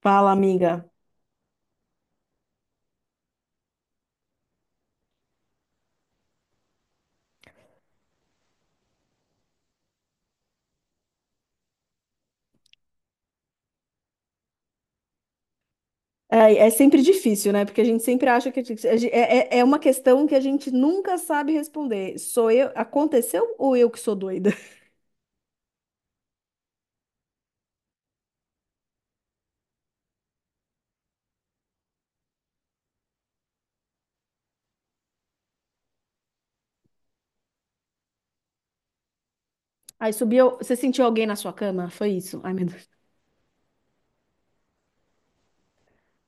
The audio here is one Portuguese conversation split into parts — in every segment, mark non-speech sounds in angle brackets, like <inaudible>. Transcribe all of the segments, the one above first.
Fala, amiga. É sempre difícil, né? Porque a gente sempre acha que a gente- é, é é uma questão que a gente nunca sabe responder. Sou eu, aconteceu ou eu que sou doida? <laughs> Aí subiu, você sentiu alguém na sua cama? Foi isso? Ai, meu Deus.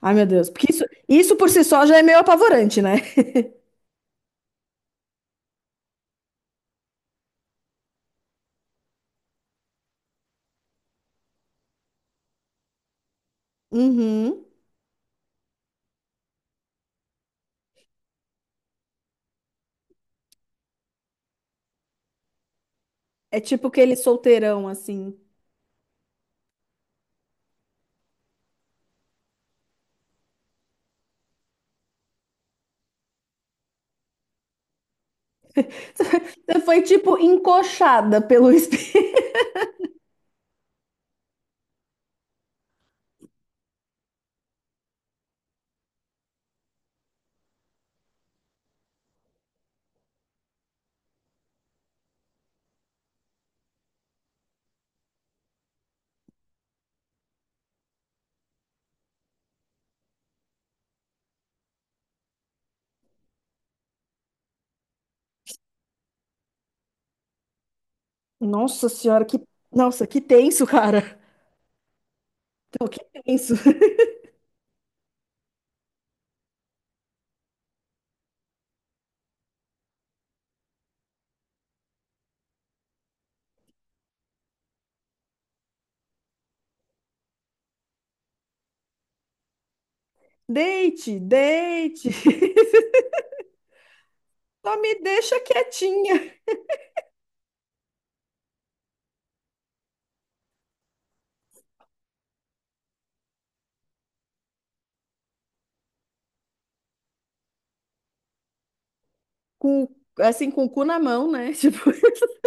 Ai, meu Deus. Porque isso por si só já é meio apavorante, né? Uhum. É tipo aquele solteirão, assim. <laughs> Você foi, tipo, encoxada pelo espelho. Nossa senhora, que... Nossa, que tenso, cara. Não, que tenso. <laughs> Deite, deite. Só me deixa quietinha, com, assim, com o cu na mão, né? Tipo, <laughs>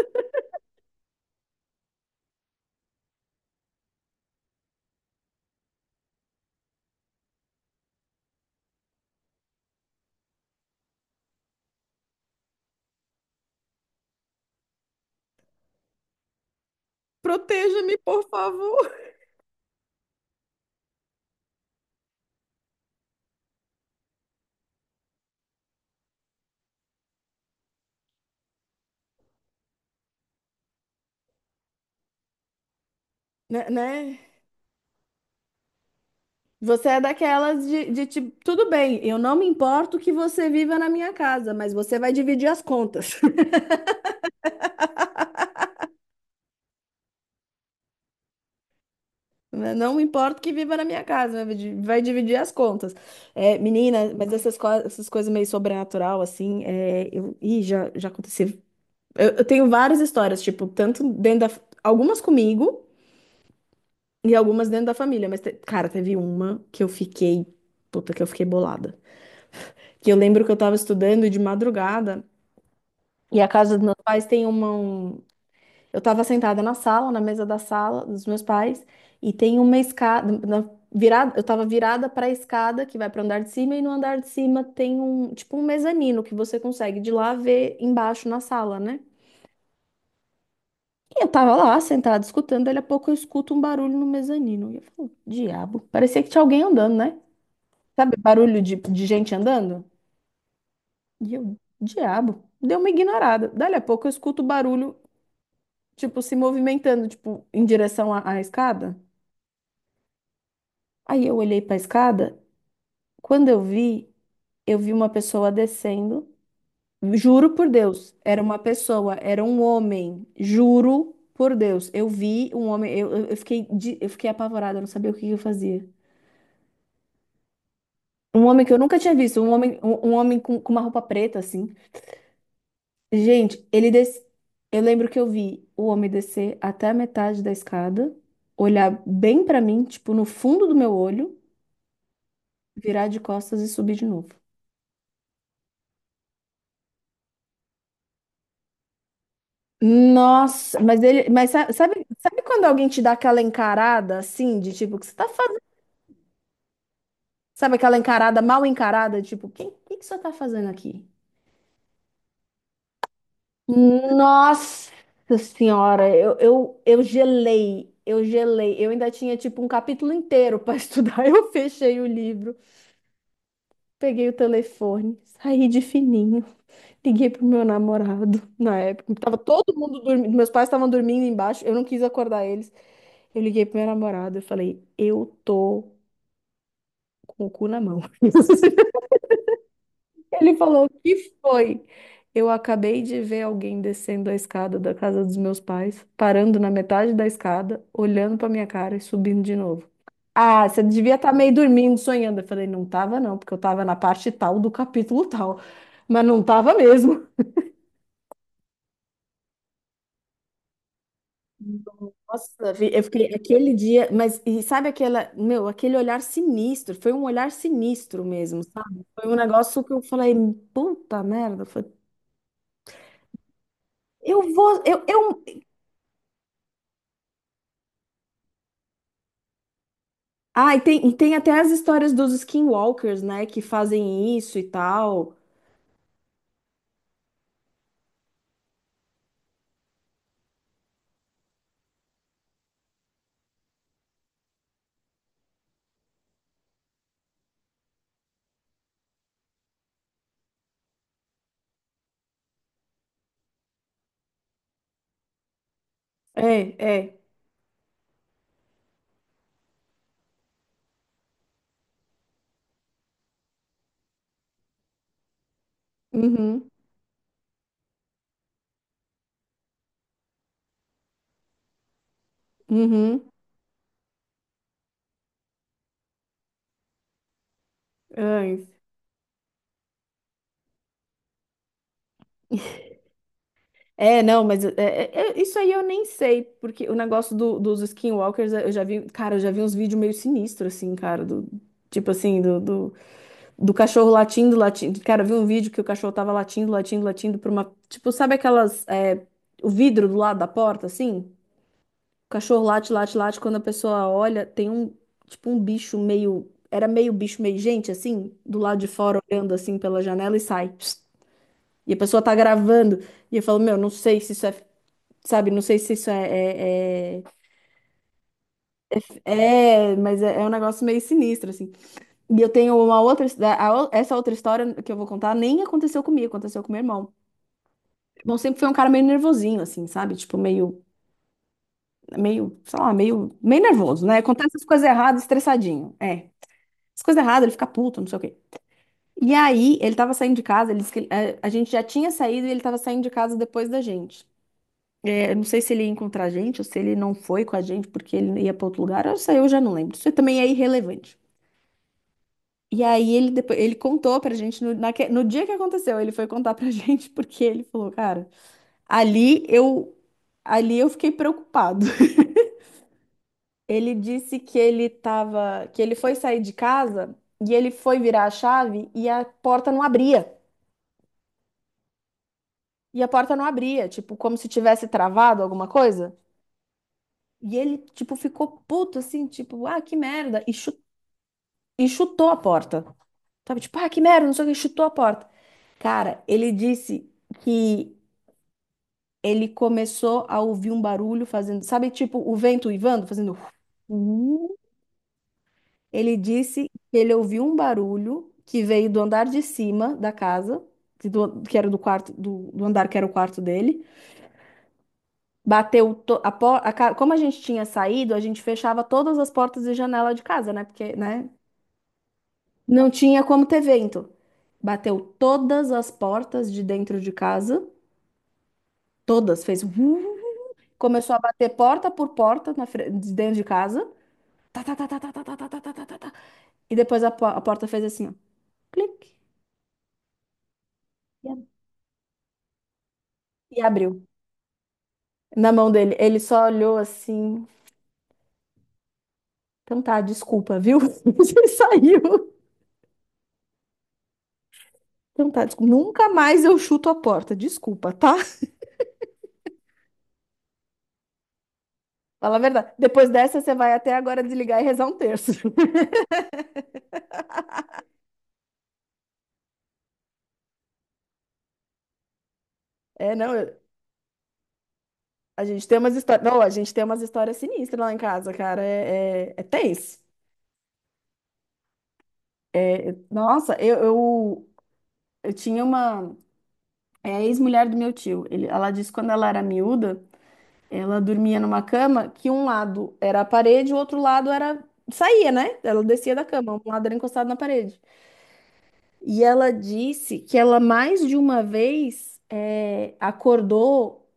proteja-me, por favor, né? Né? Você é daquelas de tipo, tudo bem, eu não me importo que você viva na minha casa, mas você vai dividir as contas. <laughs> Né? Não me importo que viva na minha casa, vai dividir as contas. É, menina, mas essas coisas meio sobrenatural, assim, é, eu, ih, já aconteceu. Eu tenho várias histórias, tipo, tanto dentro da, algumas comigo. E algumas dentro da família, mas, cara, teve uma que eu fiquei, puta, que eu fiquei bolada. Que eu lembro que eu tava estudando de madrugada e a casa dos meus pais tem Eu tava sentada na sala, na mesa da sala dos meus pais, e tem uma escada. Virada, eu tava virada pra escada que vai pro andar de cima, e no andar de cima tem um, tipo, um mezanino que você consegue de lá ver embaixo na sala, né? E eu tava lá sentada escutando, daí a pouco eu escuto um barulho no mezanino. E eu falo, diabo, parecia que tinha alguém andando, né? Sabe, barulho de gente andando? E eu, diabo, deu uma ignorada. Dali a pouco eu escuto barulho, tipo, se movimentando, tipo, em direção à escada. Aí eu olhei pra escada, quando eu vi uma pessoa descendo. Juro por Deus, era uma pessoa, era um homem. Juro por Deus, eu vi um homem, eu fiquei, eu fiquei apavorada, eu não sabia o que que eu fazia. Um homem que eu nunca tinha visto, um homem, um homem com uma roupa preta, assim. Gente, eu lembro que eu vi o homem descer até a metade da escada, olhar bem pra mim, tipo, no fundo do meu olho, virar de costas e subir de novo. Nossa, mas ele, mas sabe, sabe quando alguém te dá aquela encarada assim, de tipo, o que você tá fazendo? Sabe aquela encarada mal encarada, tipo, quem, que você tá fazendo aqui? Nossa senhora, eu gelei, eu gelei. Eu ainda tinha tipo um capítulo inteiro pra <laughs> estudar. Eu fechei o livro. Peguei o telefone, saí de fininho, liguei pro meu namorado na época. Tava todo mundo dormindo, meus pais estavam dormindo embaixo, eu não quis acordar eles. Eu liguei pro meu namorado, eu falei, eu tô com o cu na mão. <laughs> Ele falou, o que foi? Eu acabei de ver alguém descendo a escada da casa dos meus pais, parando na metade da escada, olhando pra minha cara e subindo de novo. Ah, você devia estar meio dormindo, sonhando. Eu falei, não tava não, porque eu tava na parte tal do capítulo tal, mas não tava mesmo. Nossa, eu fiquei aquele dia, mas e sabe aquela, meu, aquele olhar sinistro, foi um olhar sinistro mesmo, sabe? Foi um negócio que eu falei, puta merda, foi, eu vou, eu, Ah, e tem até as histórias dos skinwalkers, né? Que fazem isso e tal. É, é. Uhum, uhum. Ai. É, não, mas isso aí eu nem sei, porque o negócio dos skinwalkers, eu já vi, cara, eu já vi uns vídeos meio sinistros, assim, cara, do, tipo assim, do cachorro latindo, latindo. Cara, eu vi um vídeo que o cachorro tava latindo, latindo, latindo pra uma, tipo, sabe aquelas, é, o vidro do lado da porta, assim? O cachorro late, late, late. Quando a pessoa olha, tem um, tipo, um bicho meio. Era meio bicho, meio gente, assim, do lado de fora, olhando assim pela janela e sai. Psst. E a pessoa tá gravando. E eu falo, meu, não sei se isso é. Sabe, não sei se isso é. É, é- mas é, é um negócio meio sinistro, assim. E eu tenho uma outra. Essa outra história que eu vou contar nem aconteceu comigo, aconteceu com meu irmão. Bom, sempre foi um cara meio nervosinho, assim, sabe? Tipo, meio. Meio, sei lá, meio nervoso, né? Acontece as coisas erradas, estressadinho. É. As coisas erradas, ele fica puto, não sei o quê. E aí, ele tava saindo de casa, ele disse que gente já tinha saído e ele tava saindo de casa depois da gente. É, eu não sei se ele ia encontrar a gente ou se ele não foi com a gente porque ele ia pra outro lugar. Eu sei, eu já não lembro. Isso também é irrelevante. E aí ele depois, ele contou pra gente no dia que aconteceu, ele foi contar pra <laughs> gente porque ele falou, cara, ali eu ali eu fiquei preocupado. <laughs> Ele disse que ele tava, que ele foi sair de casa e ele foi virar a chave e a porta não abria. E a porta não abria, tipo, como se tivesse travado alguma coisa. E ele, tipo, ficou puto, assim, tipo, ah, que merda. E chutou a porta. Tava tipo, ah, que merda, não sei o que, chutou a porta. Cara, ele disse que ele começou a ouvir um barulho fazendo, sabe, tipo, o vento uivando, fazendo. "Uh". Ele disse que ele ouviu um barulho que veio do andar de cima da casa, que, que era do quarto, do andar que era o quarto dele. Bateu to- a por- a ca- Como a gente tinha saído, a gente fechava todas as portas e janela de casa, né? Porque, né? Não tinha como ter vento. Bateu todas as portas de dentro de casa, todas, fez. Vu, começou a bater porta por porta de dentro de casa. Tá, tá, tá, tá, tá, tá, tá, tá, tá, tá, tá, tá, tá. E depois a porta fez assim, ó, clique, e ab- e abriu. Na mão dele, ele só olhou assim. Então tá, desculpa, viu? <laughs> Você saiu. Então tá, desculpa. Nunca mais eu chuto a porta, desculpa, tá? Fala a verdade. Depois dessa, você vai até agora desligar e rezar um terço. <laughs> É, não, eu- A gente tem umas histórias. Não, a gente tem umas histórias sinistras lá em casa, cara. É tenso. Nossa, eu tinha uma é a ex-mulher do meu tio. Ele, ela disse que quando ela era miúda, ela dormia numa cama que um lado era a parede, o outro lado era. Saía, né? Ela descia da cama, um lado era encostado na parede. E ela disse que ela mais de uma vez é, acordou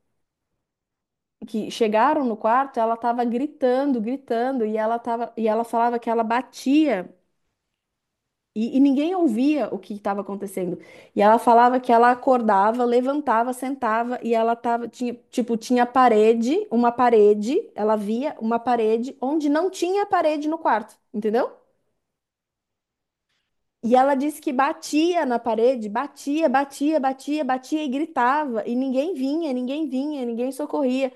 que chegaram no quarto, ela estava gritando, gritando, e ela tava, e ela falava que ela batia e ninguém ouvia o que estava acontecendo. E ela falava que ela acordava, levantava, sentava e ela tava, tinha, tipo, tinha parede, uma parede, ela via uma parede onde não tinha parede no quarto, entendeu? E ela disse que batia na parede, batia, batia, batia, batia e gritava, e ninguém vinha, ninguém vinha, ninguém socorria.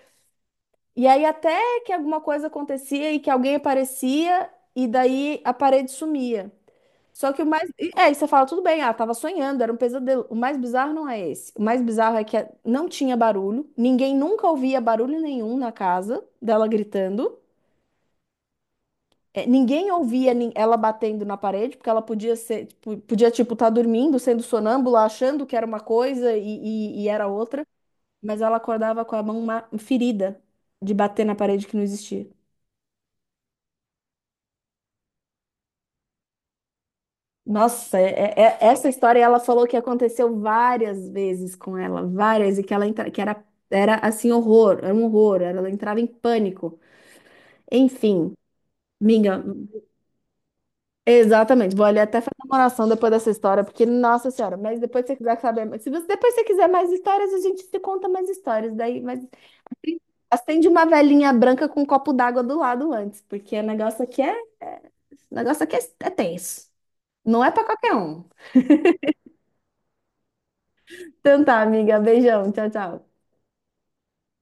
E aí até que alguma coisa acontecia e que alguém aparecia e daí a parede sumia. Só que o mais... É, e você fala, tudo bem, ah, tava sonhando, era um pesadelo. O mais bizarro não é esse. O mais bizarro é que não tinha barulho, ninguém nunca ouvia barulho nenhum na casa dela gritando. Eh, ninguém ouvia ela batendo na parede, porque ela podia ser, tipo, podia, tipo, estar dormindo, sendo sonâmbula, achando que era uma coisa e era outra, mas ela acordava com a mão ferida de bater na parede que não existia. Nossa, é, essa história ela falou que aconteceu várias vezes com ela, várias, e que ela entra, que era, era assim, horror, era um horror, ela entrava em pânico. Enfim, minga, exatamente. Vou ali até fazer uma oração depois dessa história, porque, nossa senhora, mas depois se você quiser saber, se você depois você quiser mais histórias, a gente te conta mais histórias. Daí, mas acende uma velhinha branca com um copo d'água do lado antes, porque o negócio aqui é é tenso. Não é pra qualquer um. Então tá, amiga, beijão, tchau, tchau.